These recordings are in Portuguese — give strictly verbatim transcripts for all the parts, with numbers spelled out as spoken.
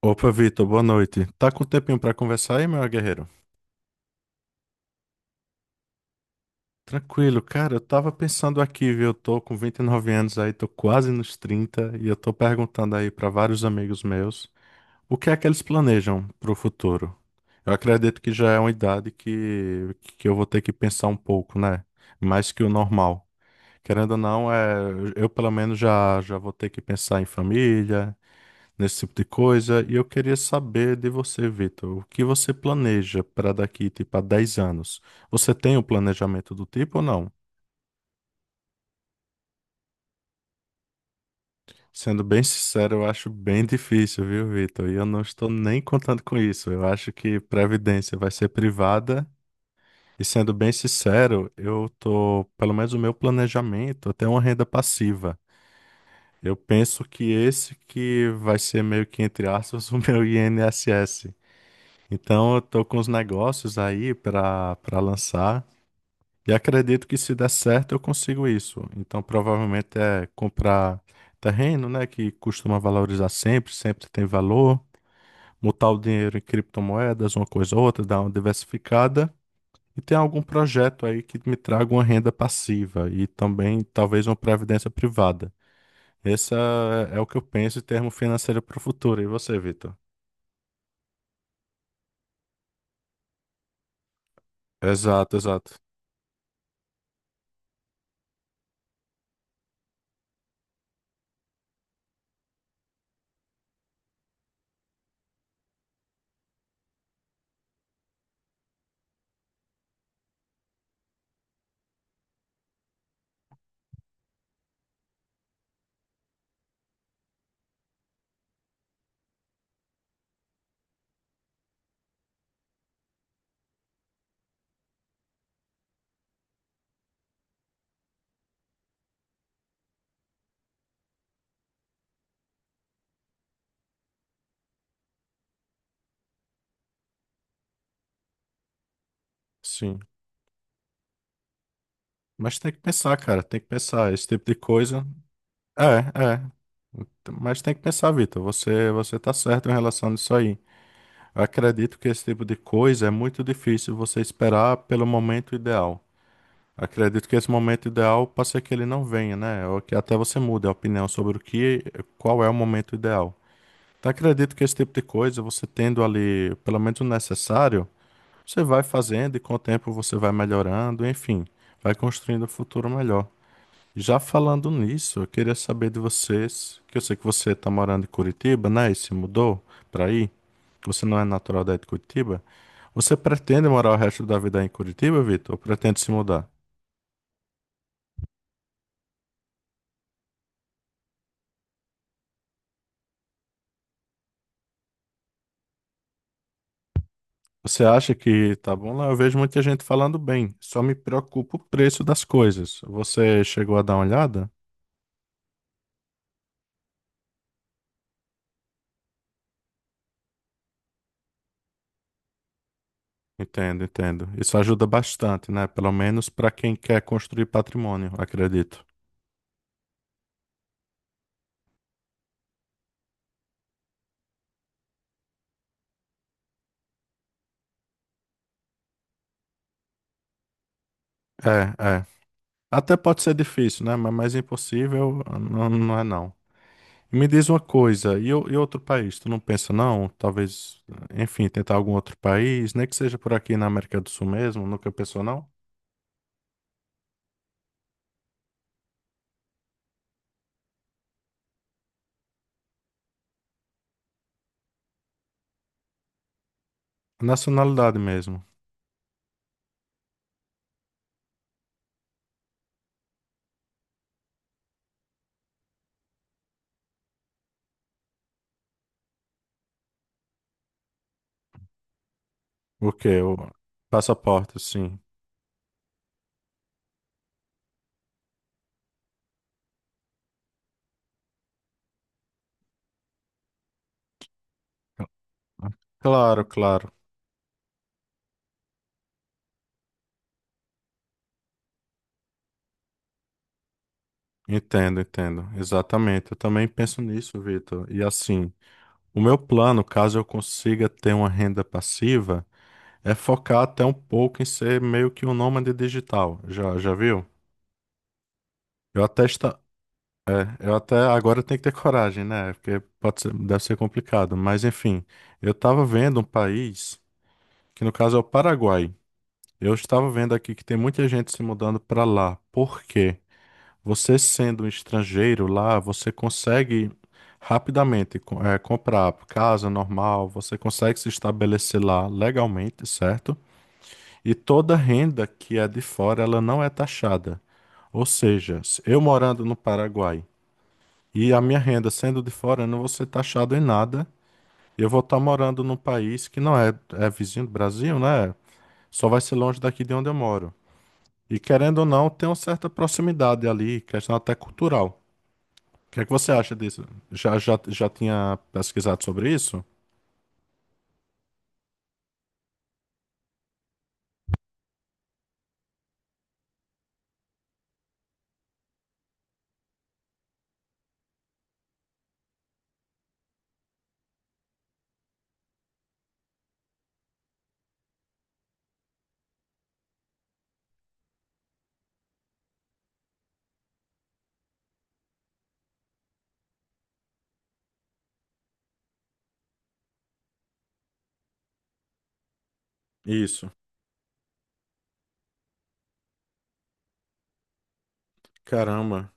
Opa, Vitor, boa noite. Tá com tempinho pra conversar aí, meu guerreiro? Tranquilo, cara, eu tava pensando aqui, viu? Eu tô com vinte e nove anos aí, tô quase nos trinta e eu tô perguntando aí pra vários amigos meus o que é que eles planejam pro futuro. Eu acredito que já é uma idade que, que eu vou ter que pensar um pouco, né? Mais que o normal. Querendo ou não, é, eu pelo menos já, já vou ter que pensar em família, nesse tipo de coisa. E eu queria saber de você, Vitor, o que você planeja para daqui, tipo, a dez anos? Você tem um planejamento do tipo ou não? Sendo bem sincero, eu acho bem difícil, viu, Vitor? E eu não estou nem contando com isso. Eu acho que previdência vai ser privada. E sendo bem sincero, eu tô, pelo menos o meu planejamento, até uma renda passiva. Eu penso que esse que vai ser meio que, entre aspas, o meu I N S S. Então eu tô com os negócios aí para para lançar e acredito que se der certo eu consigo isso. Então provavelmente é comprar terreno, né, que costuma valorizar sempre, sempre tem valor, mutar o dinheiro em criptomoedas, uma coisa ou outra, dar uma diversificada e tem algum projeto aí que me traga uma renda passiva e também talvez uma previdência privada. Esse é, é o que eu penso em termo financeiro para o futuro. E você, Vitor? Exato, exato. Sim. Mas tem que pensar, cara, tem que pensar. Esse tipo de coisa. É, é. Mas tem que pensar, Vitor. Você, você tá certo em relação a isso aí. Eu acredito que esse tipo de coisa é muito difícil você esperar pelo momento ideal. Acredito que esse momento ideal pode ser que ele não venha, né? Ou que até você mude a opinião sobre o que, qual é o momento ideal. Então acredito que esse tipo de coisa, você tendo ali pelo menos o necessário, você vai fazendo e com o tempo você vai melhorando, enfim, vai construindo um futuro melhor. Já falando nisso, eu queria saber de vocês, que eu sei que você está morando em Curitiba, né? E se mudou para aí. Você não é natural daí de Curitiba. Você pretende morar o resto da vida aí em Curitiba, Vitor? Ou pretende se mudar? Você acha que tá bom lá? Eu vejo muita gente falando bem. Só me preocupa o preço das coisas. Você chegou a dar uma olhada? Entendo, entendo. Isso ajuda bastante, né? Pelo menos para quem quer construir patrimônio, acredito. É, é. Até pode ser difícil, né? Mas mais impossível ah, não, não é não. Me diz uma coisa, e, o- e outro país? Tu não pensa não? Talvez, enfim, tentar algum outro país, nem que seja por aqui na América do Sul mesmo, nunca pensou não? Nacionalidade mesmo. O quê? O passaporte, sim. Claro, claro. Entendo, entendo. Exatamente. Eu também penso nisso, Vitor. E assim, o meu plano, caso eu consiga ter uma renda passiva, é focar até um pouco em ser meio que um nômade digital. Já, já viu? Eu até, esta... eu até agora tenho que ter coragem, né? Porque pode ser... deve ser complicado. Mas enfim, eu estava vendo um país, que no caso é o Paraguai. Eu estava vendo aqui que tem muita gente se mudando para lá. Por quê? Você sendo um estrangeiro lá, você consegue rapidamente co- eh, comprar casa normal, você consegue se estabelecer lá legalmente, certo? E toda renda que é de fora, ela não é taxada. Ou seja, se eu morando no Paraguai e a minha renda sendo de fora, eu não vou ser taxado em nada. Eu vou estar morando num país que não é, é vizinho do Brasil, né? Só vai ser longe daqui de onde eu moro. E querendo ou não, tem uma certa proximidade ali, questão até cultural. O que é que você acha disso? Já, já, já tinha pesquisado sobre isso? Isso. Caramba.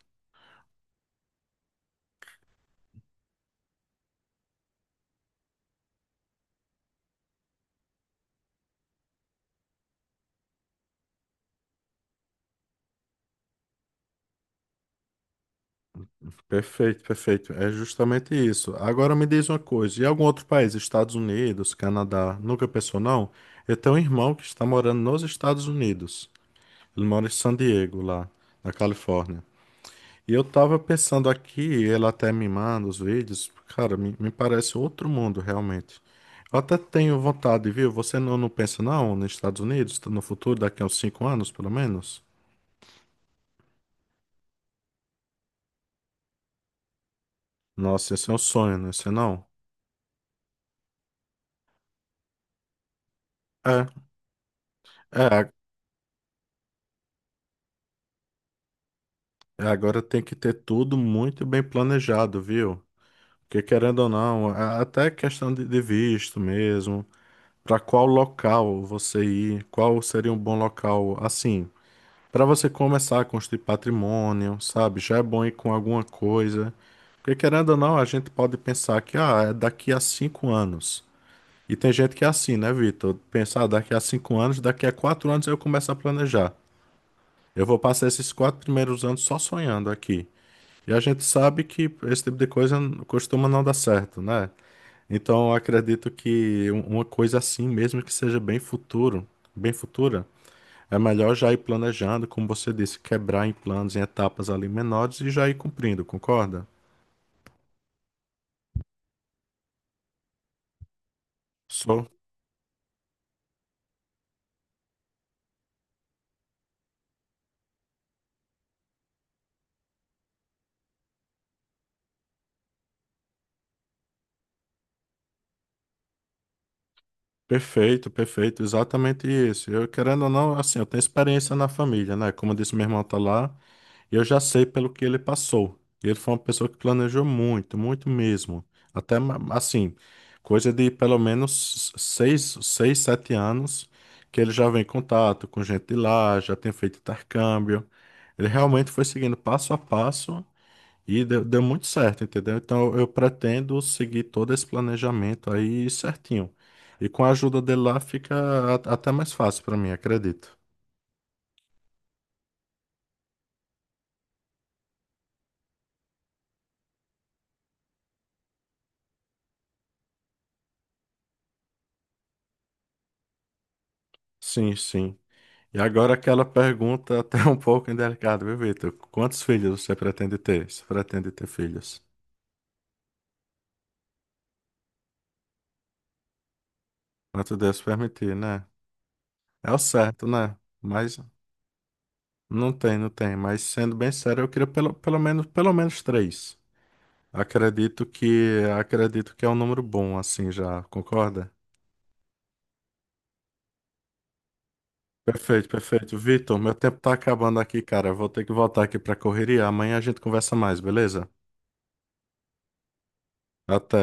Perfeito, perfeito. É justamente isso. Agora me diz uma coisa, e algum outro país, Estados Unidos, Canadá, nunca pensou não? Eu tenho um irmão que está morando nos Estados Unidos. Ele mora em San Diego, lá na Califórnia. E eu estava pensando aqui, ele até me manda os vídeos, cara, me, me parece outro mundo realmente. Eu até tenho vontade, viu? Você não, não pensa não nos Estados Unidos, no futuro, daqui a uns cinco anos, pelo menos? Nossa, esse é um sonho, não é isso não? É, é, agora tem que ter tudo muito bem planejado, viu? Porque querendo ou não, a- até questão de, de visto mesmo, para qual local você ir, qual seria um bom local, assim, para você começar a construir patrimônio, sabe? Já é bom ir com alguma coisa. Porque querendo ou não, a gente pode pensar que, ah, é daqui a cinco anos. E tem gente que é assim, né, Vitor? Pensar, ah, daqui a cinco anos, daqui a quatro anos eu começo a planejar. Eu vou passar esses quatro primeiros anos só sonhando aqui. E a gente sabe que esse tipo de coisa costuma não dar certo, né? Então, eu acredito que um- uma coisa assim, mesmo que seja bem futuro, bem futura, é melhor já ir planejando, como você disse, quebrar em planos, em etapas ali menores e já ir cumprindo, concorda? Sou. Perfeito, perfeito, exatamente isso. Eu, querendo ou não, assim, eu tenho experiência na família, né? Como eu disse, meu irmão tá lá. Eu já sei pelo que ele passou. Ele foi uma pessoa que planejou muito, muito mesmo. Até ma- assim, coisa de pelo menos seis, seis, sete anos que ele já vem em contato com gente de lá, já tem feito intercâmbio. Ele realmente foi seguindo passo a passo e deu, deu muito certo, entendeu? Então eu pretendo seguir todo esse planejamento aí certinho. E com a ajuda dele lá fica a- até mais fácil para mim, acredito. Sim, sim. E agora aquela pergunta até um pouco indelicada, viu, Vitor? Quantos filhos você pretende ter? Você pretende ter filhos? Quanto Deus permitir, né? É o certo, né? Mas não tem, não tem. Mas sendo bem sério, eu queria pelo, pelo menos, pelo menos três. Acredito que, acredito que é um número bom, assim, já, concorda? Perfeito, perfeito. Vitor, meu tempo tá acabando aqui, cara. Eu vou ter que voltar aqui pra correria. Amanhã a gente conversa mais, beleza? Até.